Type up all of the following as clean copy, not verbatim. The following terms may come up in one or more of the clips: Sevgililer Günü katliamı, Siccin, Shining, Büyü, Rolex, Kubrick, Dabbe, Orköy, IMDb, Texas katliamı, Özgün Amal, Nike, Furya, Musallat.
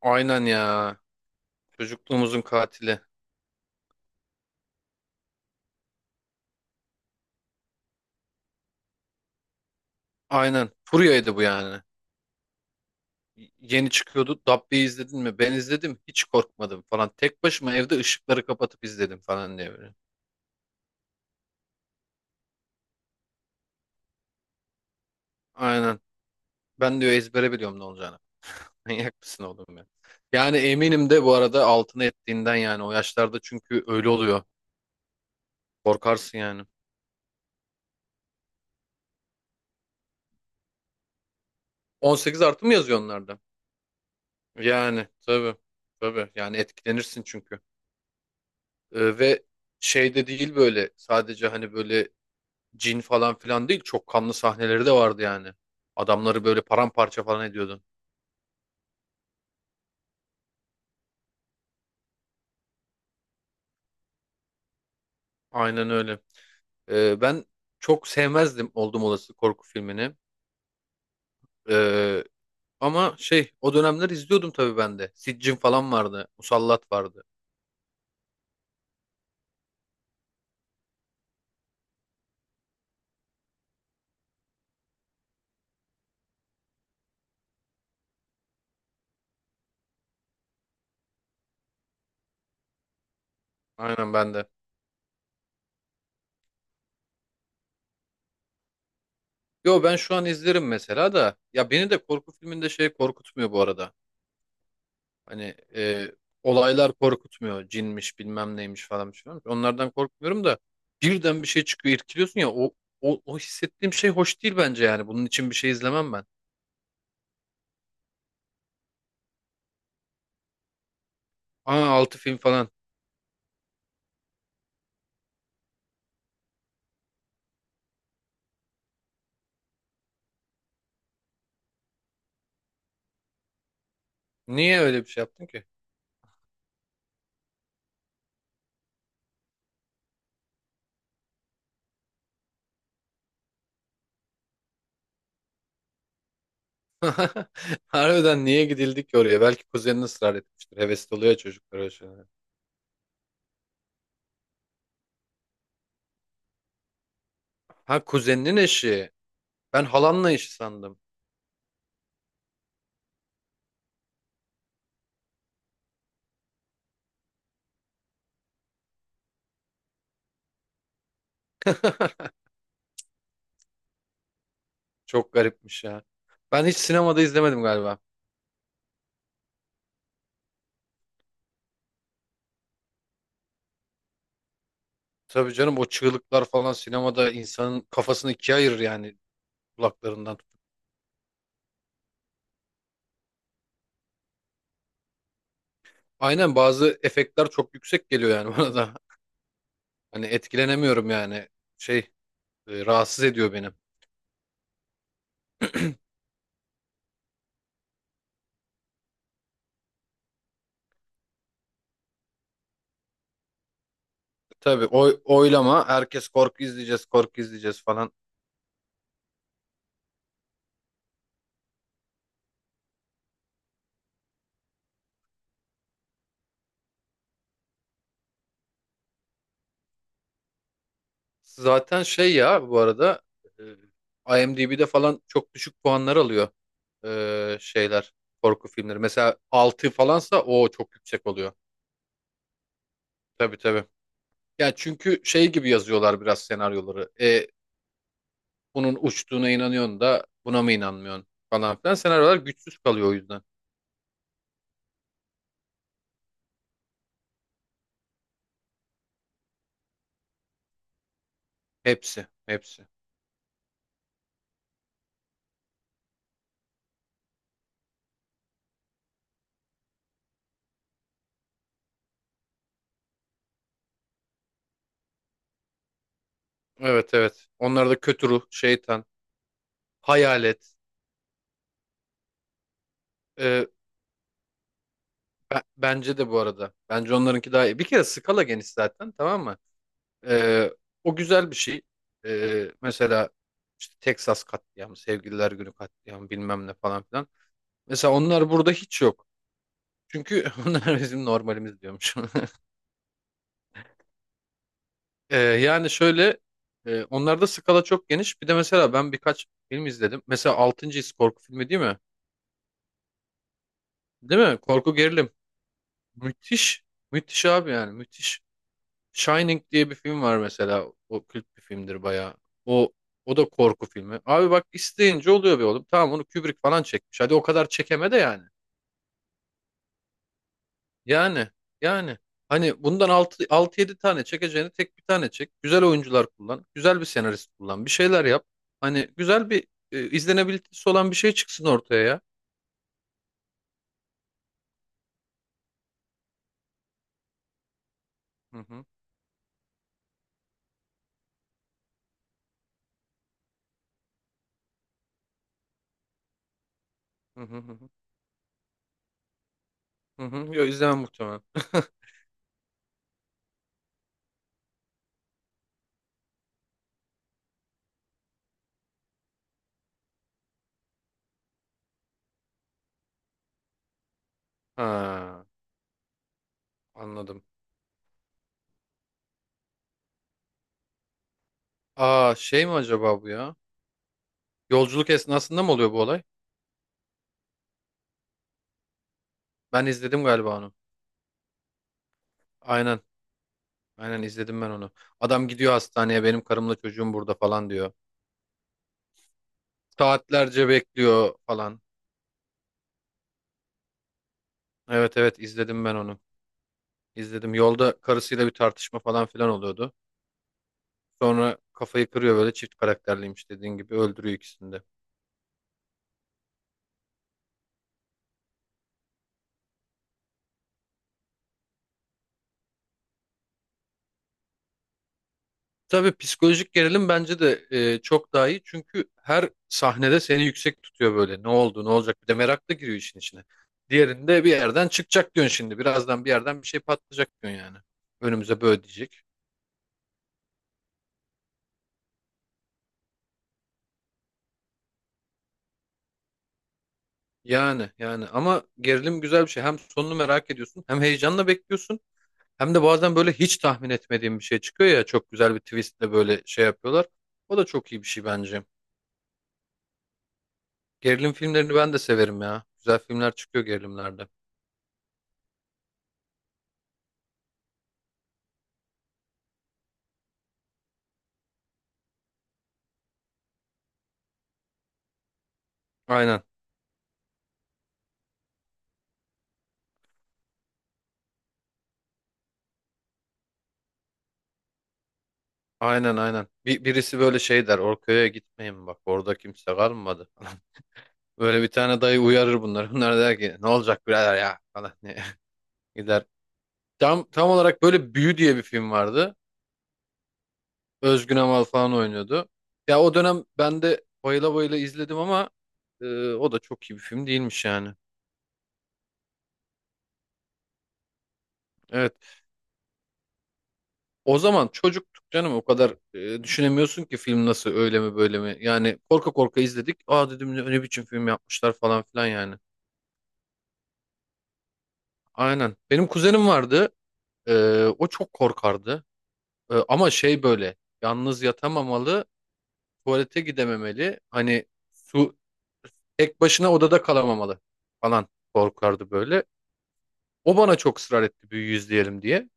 Aynen ya. Çocukluğumuzun katili. Aynen. Furya'ydı bu yani. Yeni çıkıyordu. Dabbe'yi izledin mi? Ben izledim. Hiç korkmadım falan. Tek başıma evde ışıkları kapatıp izledim falan diye böyle. Aynen. Ben diyor ezbere biliyorum ne olacağını. Manyak mısın oğlum ya? Yani eminim de bu arada altına ettiğinden yani o yaşlarda çünkü öyle oluyor. Korkarsın yani. 18+ mı yazıyor onlarda? Yani tabii. Tabii. Yani etkilenirsin çünkü. Ve şey de değil böyle sadece hani böyle cin falan filan değil. Çok kanlı sahneleri de vardı yani. Adamları böyle paramparça falan ediyordun. Aynen öyle. Ben çok sevmezdim oldum olası korku filmini. Ee, Ama şey o dönemler izliyordum tabii ben de. Siccin falan vardı. Musallat vardı. Aynen ben de. Yo, ben şu an izlerim mesela da. Ya beni de korku filminde şey korkutmuyor bu arada. Hani olaylar korkutmuyor. Cinmiş bilmem neymiş falan bir şey varmış. Onlardan korkmuyorum da birden bir şey çıkıyor irkiliyorsun ya o hissettiğim şey hoş değil bence yani. Bunun için bir şey izlemem ben. Aa, altı film falan. Niye öyle bir şey yaptın ki? Harbiden niye gidildik ki oraya? Belki kuzenin ısrar etmiştir. Hevesli oluyor çocuklar öyle şeylere. Ha, kuzeninin eşi. Ben halanla eşi sandım. Çok garipmiş ya. Ben hiç sinemada izlemedim galiba. Tabii canım, o çığlıklar falan sinemada insanın kafasını ikiye ayırır yani. Kulaklarından tutup. Aynen, bazı efektler çok yüksek geliyor yani bana da. Hani etkilenemiyorum yani. Şey, rahatsız ediyor benim. Tabii oylama herkes korku izleyeceğiz korku izleyeceğiz falan. Zaten şey ya bu arada, IMDb'de falan çok düşük puanlar alıyor şeyler, korku filmleri. Mesela 6 falansa o çok yüksek oluyor. Tabii, tabii. Yani çünkü şey gibi yazıyorlar biraz senaryoları. Bunun uçtuğuna inanıyorsun da buna mı inanmıyorsun falan filan. Senaryolar güçsüz kalıyor o yüzden. Hepsi, hepsi. Evet, evet. Onlar da kötü ruh, şeytan, hayalet. Ee, Bence de bu arada. Bence onlarınki daha iyi. Bir kere skala geniş zaten, tamam mı? Ee, O güzel bir şey. Mesela işte Texas katliamı, Sevgililer Günü katliamı bilmem ne falan filan. Mesela onlar burada hiç yok. Çünkü onlar bizim normalimiz diyormuş. Yani şöyle, onlarda skala çok geniş. Bir de mesela ben birkaç film izledim. Mesela Altıncı His korku filmi değil mi? Değil mi? Korku gerilim. Müthiş. Müthiş abi, yani müthiş. Shining diye bir film var mesela. O kült bir filmdir bayağı. O o da korku filmi. Abi bak, isteyince oluyor be oğlum. Tamam, onu Kubrick falan çekmiş. Hadi o kadar çekeme de yani. Yani yani hani bundan altı altı yedi tane çekeceğini tek bir tane çek. Güzel oyuncular kullan. Güzel bir senarist kullan. Bir şeyler yap. Hani güzel bir, izlenebilitesi olan bir şey çıksın ortaya ya. Hı hı. Hı hı hı hı. Hı hı. Yo, izlemem muhtemelen. Ha, anladım. Aa, şey mi acaba bu ya? Yolculuk esnasında mı oluyor bu olay? Ben izledim galiba onu. Aynen. Aynen izledim ben onu. Adam gidiyor hastaneye, benim karımla çocuğum burada falan diyor. Saatlerce bekliyor falan. Evet, evet, izledim ben onu. İzledim. Yolda karısıyla bir tartışma falan filan oluyordu. Sonra kafayı kırıyor böyle, çift karakterliymiş dediğin gibi, öldürüyor ikisini de. Tabii psikolojik gerilim bence de çok daha iyi. Çünkü her sahnede seni yüksek tutuyor böyle. Ne oldu, ne olacak? Bir de merak da giriyor işin içine. Diğerinde bir yerden çıkacak diyorsun şimdi. Birazdan bir yerden bir şey patlayacak diyorsun yani. Önümüze böyle diyecek. Yani ama gerilim güzel bir şey. Hem sonunu merak ediyorsun, hem heyecanla bekliyorsun. Hem de bazen böyle hiç tahmin etmediğim bir şey çıkıyor ya, çok güzel bir twistle böyle şey yapıyorlar. O da çok iyi bir şey bence. Gerilim filmlerini ben de severim ya. Güzel filmler çıkıyor gerilimlerde. Aynen. Aynen, aynen. Birisi böyle şey der, Orköy'e gitmeyin, bak orada kimse kalmadı. Böyle bir tane dayı uyarır bunları. Bunlar der ki, ne olacak birader ya falan diye gider. Tam olarak böyle Büyü diye bir film vardı. Özgün Amal falan oynuyordu. Ya o dönem ben de bayıla bayıla izledim ama e, o da çok iyi bir film değilmiş yani. Evet. O zaman çocuktuk canım, o kadar düşünemiyorsun ki film nasıl, öyle mi böyle mi. Yani korka korka izledik. Aa dedim, ne biçim film yapmışlar falan filan yani. Aynen. Benim kuzenim vardı. O çok korkardı. Ama şey böyle, yalnız yatamamalı, tuvalete gidememeli. Hani su, tek başına odada kalamamalı falan, korkardı böyle. O bana çok ısrar etti, büyüyüz diyelim diye.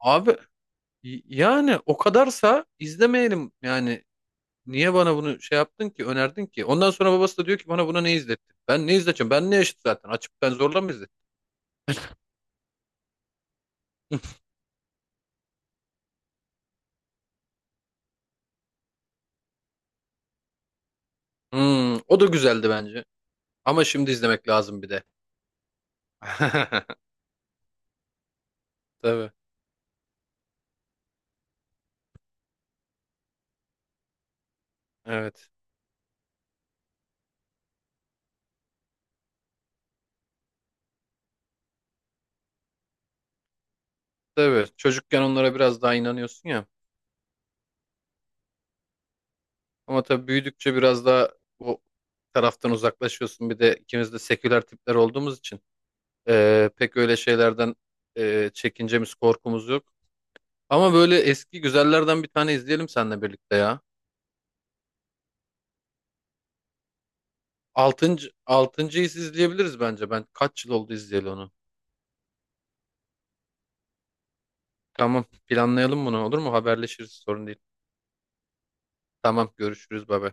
Abi, yani o kadarsa izlemeyelim yani. Niye bana bunu şey yaptın ki, önerdin ki? Ondan sonra babası da diyor ki, bana buna ne izlettin? Ben ne izleteceğim? Ben ne yaşıt zaten? Açıp ben zorla mı izlettim? Hmm, o da güzeldi bence. Ama şimdi izlemek lazım bir de. Tabii, evet. Tabii, çocukken onlara biraz daha inanıyorsun ya. Ama tabii büyüdükçe biraz daha o taraftan uzaklaşıyorsun. Bir de ikimiz de seküler tipler olduğumuz için pek öyle şeylerden çekincemiz, korkumuz yok. Ama böyle eski güzellerden bir tane izleyelim seninle birlikte ya. Altıncıyı izleyebiliriz bence. Ben kaç yıl oldu izleyeli onu. Tamam, planlayalım bunu, olur mu? Haberleşiriz, sorun değil. Tamam, görüşürüz baba.